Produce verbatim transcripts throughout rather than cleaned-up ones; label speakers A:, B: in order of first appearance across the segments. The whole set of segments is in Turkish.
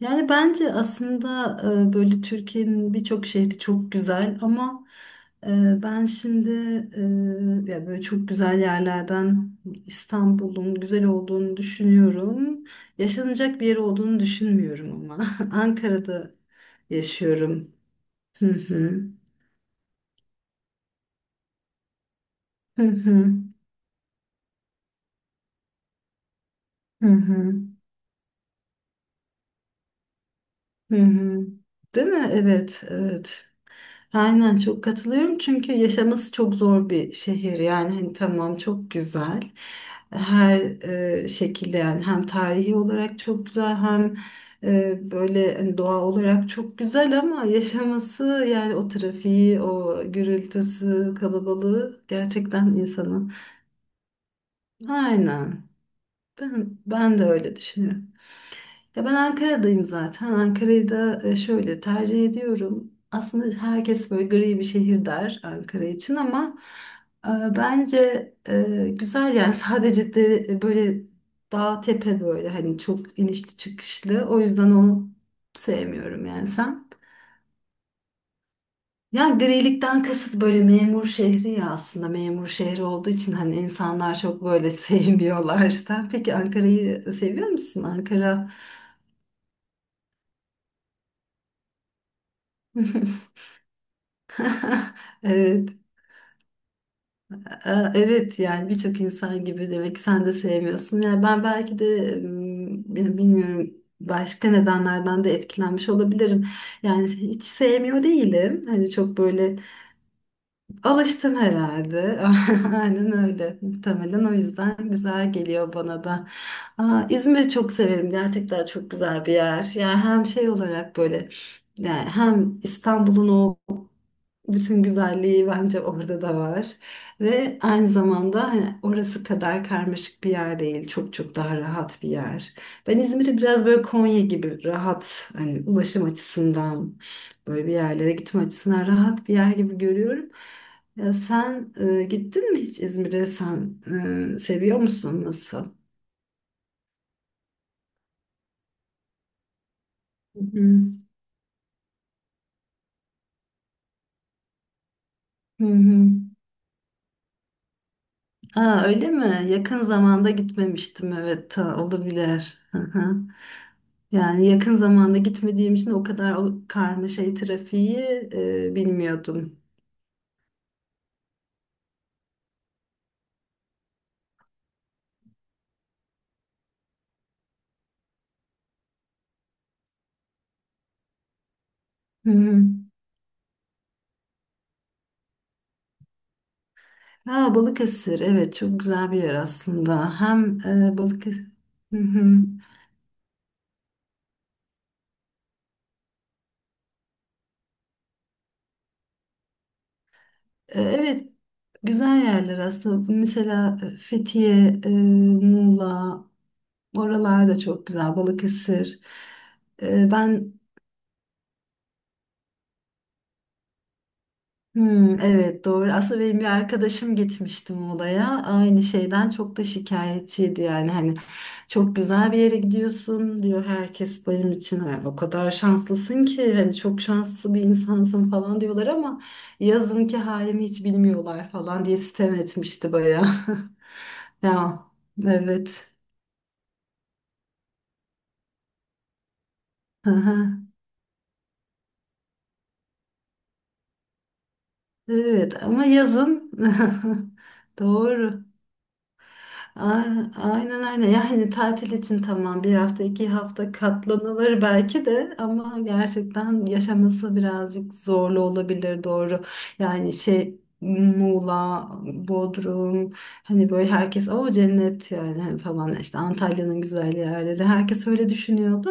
A: Yani bence aslında e, böyle Türkiye'nin birçok şehri çok güzel ama e, ben şimdi e, ya böyle çok güzel yerlerden İstanbul'un güzel olduğunu düşünüyorum. Yaşanacak bir yer olduğunu düşünmüyorum ama Ankara'da yaşıyorum. Hı hı. Hı hı. Hı hı. Hı hı. Değil mi? Evet, evet. Aynen çok katılıyorum çünkü yaşaması çok zor bir şehir yani hani tamam çok güzel her e, şekilde yani hem tarihi olarak çok güzel hem e, böyle hani doğa olarak çok güzel ama yaşaması yani o trafiği o gürültüsü kalabalığı gerçekten insanı aynen ben ben de öyle düşünüyorum. Ya ben Ankara'dayım zaten. Ankara'yı da e, şöyle tercih ediyorum. Aslında herkes böyle gri bir şehir der Ankara için ama e, bence e, güzel yani sadece de e, böyle dağ tepe böyle hani çok inişli çıkışlı. O yüzden onu sevmiyorum yani sen. Ya grilikten kasıt böyle memur şehri ya aslında memur şehri olduğu için hani insanlar çok böyle sevmiyorlar. Sen peki Ankara'yı seviyor musun? Ankara Evet, e, evet yani birçok insan gibi demek ki sen de sevmiyorsun. Yani ben belki de m, ya bilmiyorum başka nedenlerden de etkilenmiş olabilirim. Yani hiç sevmiyor değilim. Hani çok böyle alıştım herhalde. Aynen öyle. Muhtemelen o yüzden güzel geliyor bana da. Aa, İzmir'i çok severim. Gerçekten çok güzel bir yer. Yani hem şey olarak böyle yani hem İstanbul'un o bütün güzelliği bence orada da var. Ve aynı zamanda hani orası kadar karmaşık bir yer değil. Çok çok daha rahat bir yer. Ben İzmir'i biraz böyle Konya gibi rahat hani ulaşım açısından böyle bir yerlere gitme açısından rahat bir yer gibi görüyorum. Ya sen e, gittin mi hiç İzmir'e? Sen e, seviyor musun? Nasıl? Hı hı. Hı hı. Ha, öyle mi? Yakın zamanda gitmemiştim, evet ta olabilir. Hı hı. Yani yakın zamanda gitmediğim için o kadar o karmaşayı trafiği e, bilmiyordum. Hı hı. Ha, Balıkesir evet çok güzel bir yer aslında. Hem e, Balıkesir hı hı. E, evet güzel yerler aslında. Mesela e, Fethiye, e, Muğla, oralar da çok güzel. Balıkesir. Ee, Ben Hmm, evet doğru. Aslında benim bir arkadaşım gitmişti Muğla'ya. Aynı şeyden çok da şikayetçiydi yani. Hani çok güzel bir yere gidiyorsun diyor herkes benim için. "Ay, o kadar şanslısın ki hani çok şanslı bir insansın falan" diyorlar ama yazınki halimi hiç bilmiyorlar falan diye sitem etmişti bayağı. Ya evet. Aha, evet ama yazın doğru. Aynen, aynen, aynen. Yani tatil için tamam bir hafta iki hafta katlanılır belki de ama gerçekten yaşaması birazcık zorlu olabilir doğru yani şey Muğla, Bodrum hani böyle herkes o cennet yani hani falan işte Antalya'nın güzel yerleri herkes öyle düşünüyordu.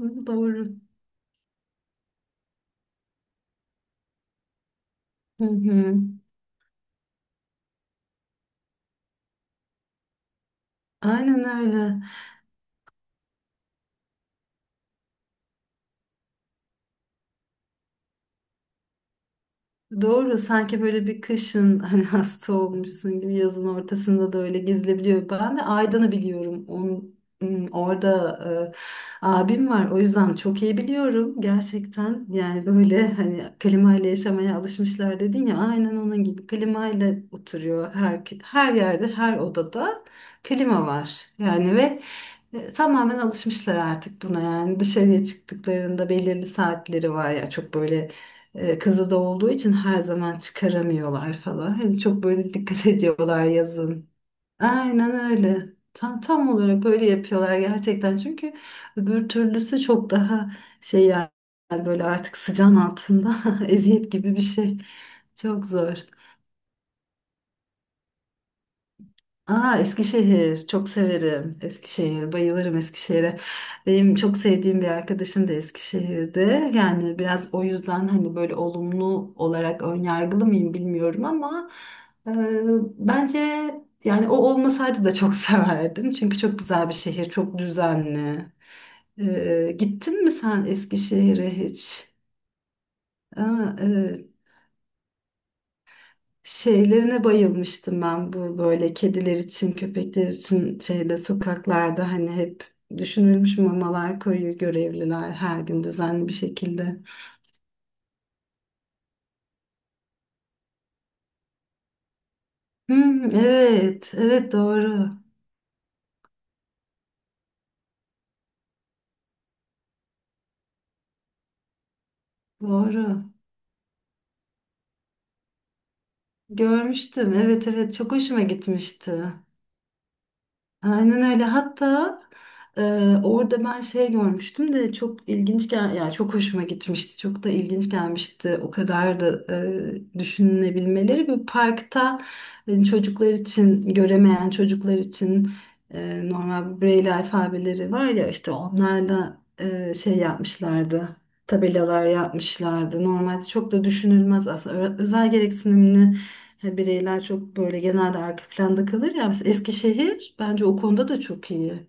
A: Hı, doğru. Hı hı. Aynen öyle. Doğru, sanki böyle bir kışın hani hasta olmuşsun gibi yazın ortasında da öyle gezilebiliyor. Ben de Aydın'ı biliyorum. Onun, hmm, orada e, abim var. O yüzden çok iyi biliyorum gerçekten. Yani böyle hani klimayla yaşamaya alışmışlar dedin ya aynen onun gibi klimayla oturuyor, her her yerde, her odada klima var. Yani ve e, tamamen alışmışlar artık buna yani dışarıya çıktıklarında belirli saatleri var ya çok böyle e, kızı da olduğu için her zaman çıkaramıyorlar falan. Hani çok böyle dikkat ediyorlar yazın. Aynen öyle. Tam, tam olarak böyle yapıyorlar gerçekten. Çünkü öbür türlüsü çok daha şey yani böyle artık sıcağın altında eziyet gibi bir şey. Çok zor. Aa, Eskişehir çok severim. Eskişehir bayılırım Eskişehir'e. Benim çok sevdiğim bir arkadaşım da Eskişehir'de. Yani biraz o yüzden hani böyle olumlu olarak önyargılı mıyım bilmiyorum ama e, bence yani o olmasaydı da çok severdim. Çünkü çok güzel bir şehir, çok düzenli. E, gittin mi sen Eskişehir'e hiç? Aa, evet. Şeylerine bayılmıştım ben bu böyle kediler için, köpekler için şeyde sokaklarda hani hep düşünülmüş mamalar koyuyor görevliler her gün düzenli bir şekilde. Hmm, evet, evet doğru, doğru. Görmüştüm, evet evet çok hoşuma gitmişti. Aynen öyle. Hatta e, orada ben şey görmüştüm de çok ilginç gel yani çok hoşuma gitmişti. Çok da ilginç gelmişti. O kadar da e, düşünülebilmeleri bir parkta e, çocuklar için göremeyen çocuklar için e, normal Braille alfabeleri var ya işte onlarla e, şey yapmışlardı, tabelalar yapmışlardı. Normalde çok da düşünülmez aslında. Ö- Özel gereksinimli bireyler çok böyle genelde arka planda kalır ya. Mesela Eskişehir bence o konuda da çok iyi.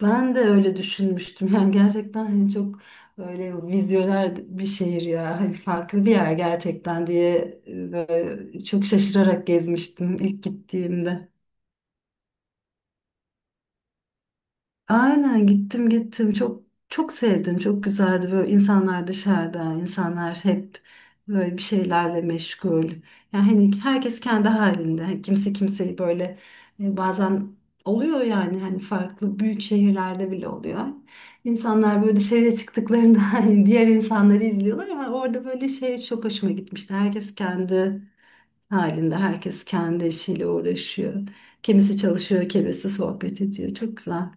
A: Ben de öyle düşünmüştüm. Yani gerçekten hani çok böyle vizyoner bir şehir ya. Hani farklı bir yer gerçekten diye e, böyle çok şaşırarak gezmiştim ilk gittiğimde. Aynen, gittim gittim çok çok sevdim, çok güzeldi böyle, insanlar dışarıda, insanlar hep böyle bir şeylerle meşgul yani hani herkes kendi halinde, hani kimse kimseyi böyle e, bazen oluyor yani hani farklı büyük şehirlerde bile oluyor, insanlar böyle dışarıya çıktıklarında hani diğer insanları izliyorlar ama orada böyle şey çok hoşuma gitmişti, herkes kendi halinde, herkes kendi işiyle uğraşıyor, kimisi çalışıyor kimisi sohbet ediyor, çok güzel.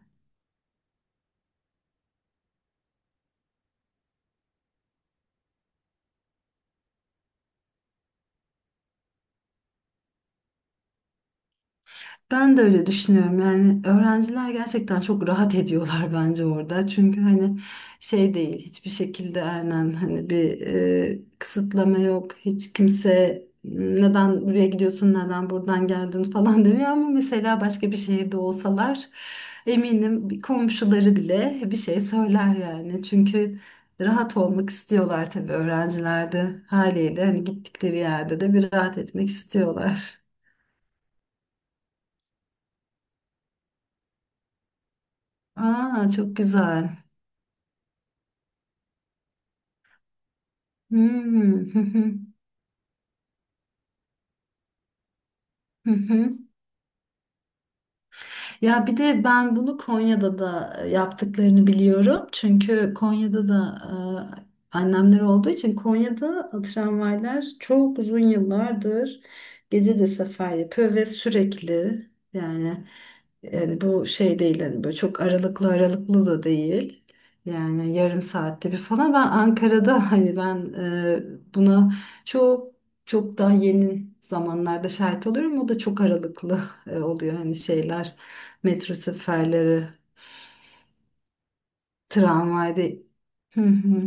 A: Ben de öyle düşünüyorum. Yani öğrenciler gerçekten çok rahat ediyorlar bence orada. Çünkü hani şey değil hiçbir şekilde aynen hani bir e, kısıtlama yok. Hiç kimse neden buraya gidiyorsun, neden buradan geldin falan demiyor ama mesela başka bir şehirde olsalar eminim bir komşuları bile bir şey söyler yani. Çünkü rahat olmak istiyorlar tabii, öğrenciler de haliyle hani gittikleri yerde de bir rahat etmek istiyorlar. Aa çok güzel. Hmm, hı hı. Hı hı. Ya bir de ben bunu Konya'da da e, yaptıklarını biliyorum. Çünkü Konya'da da e, annemler olduğu için Konya'da tramvaylar çok uzun yıllardır gece de sefer yapıyor ve sürekli yani, yani bu şey değil hani böyle çok aralıklı aralıklı da değil. Yani yarım saatte bir falan. Ben Ankara'da hani ben e, buna çok çok daha yeni zamanlarda şahit oluyorum. O da çok aralıklı e, oluyor hani şeyler. Metro seferleri, tramvayda. Hı hı.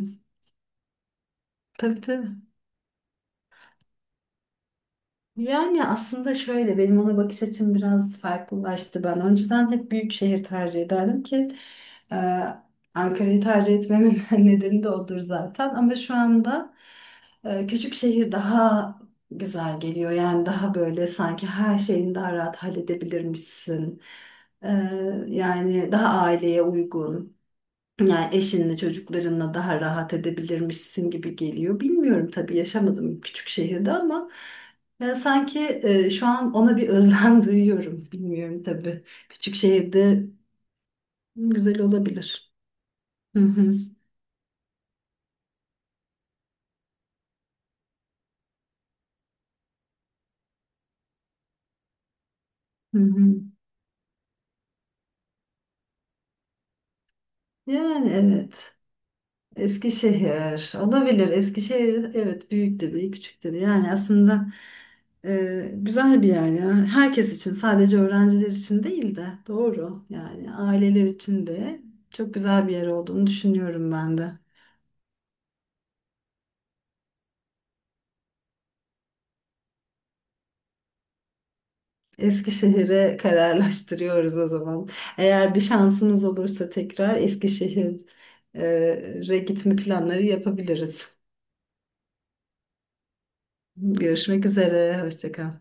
A: Tabii, tabii. Yani aslında şöyle benim ona bakış açım biraz farklılaştı. Ben önceden hep büyük şehir tercih ederdim ki e, Ankara'yı tercih etmemin nedeni de odur zaten. Ama şu anda e, küçük şehir daha güzel geliyor. Yani daha böyle sanki her şeyini daha rahat halledebilirmişsin. E, yani daha aileye uygun. Yani eşinle çocuklarınla daha rahat edebilirmişsin gibi geliyor. Bilmiyorum tabii, yaşamadım küçük şehirde ama ya sanki e, şu an ona bir özlem duyuyorum. Bilmiyorum tabii. Küçük şehirde güzel olabilir. Hı hı, hı hı. Yani evet. Eskişehir olabilir. Eskişehir evet, büyük de değil küçük de değil. Yani aslında e, güzel bir yer ya. Herkes için, sadece öğrenciler için değil de doğru yani aileler için de çok güzel bir yer olduğunu düşünüyorum ben de. Eskişehir'e kararlaştırıyoruz o zaman. Eğer bir şansımız olursa tekrar Eskişehir'e gitme planları yapabiliriz. Görüşmek üzere. Hoşça kal.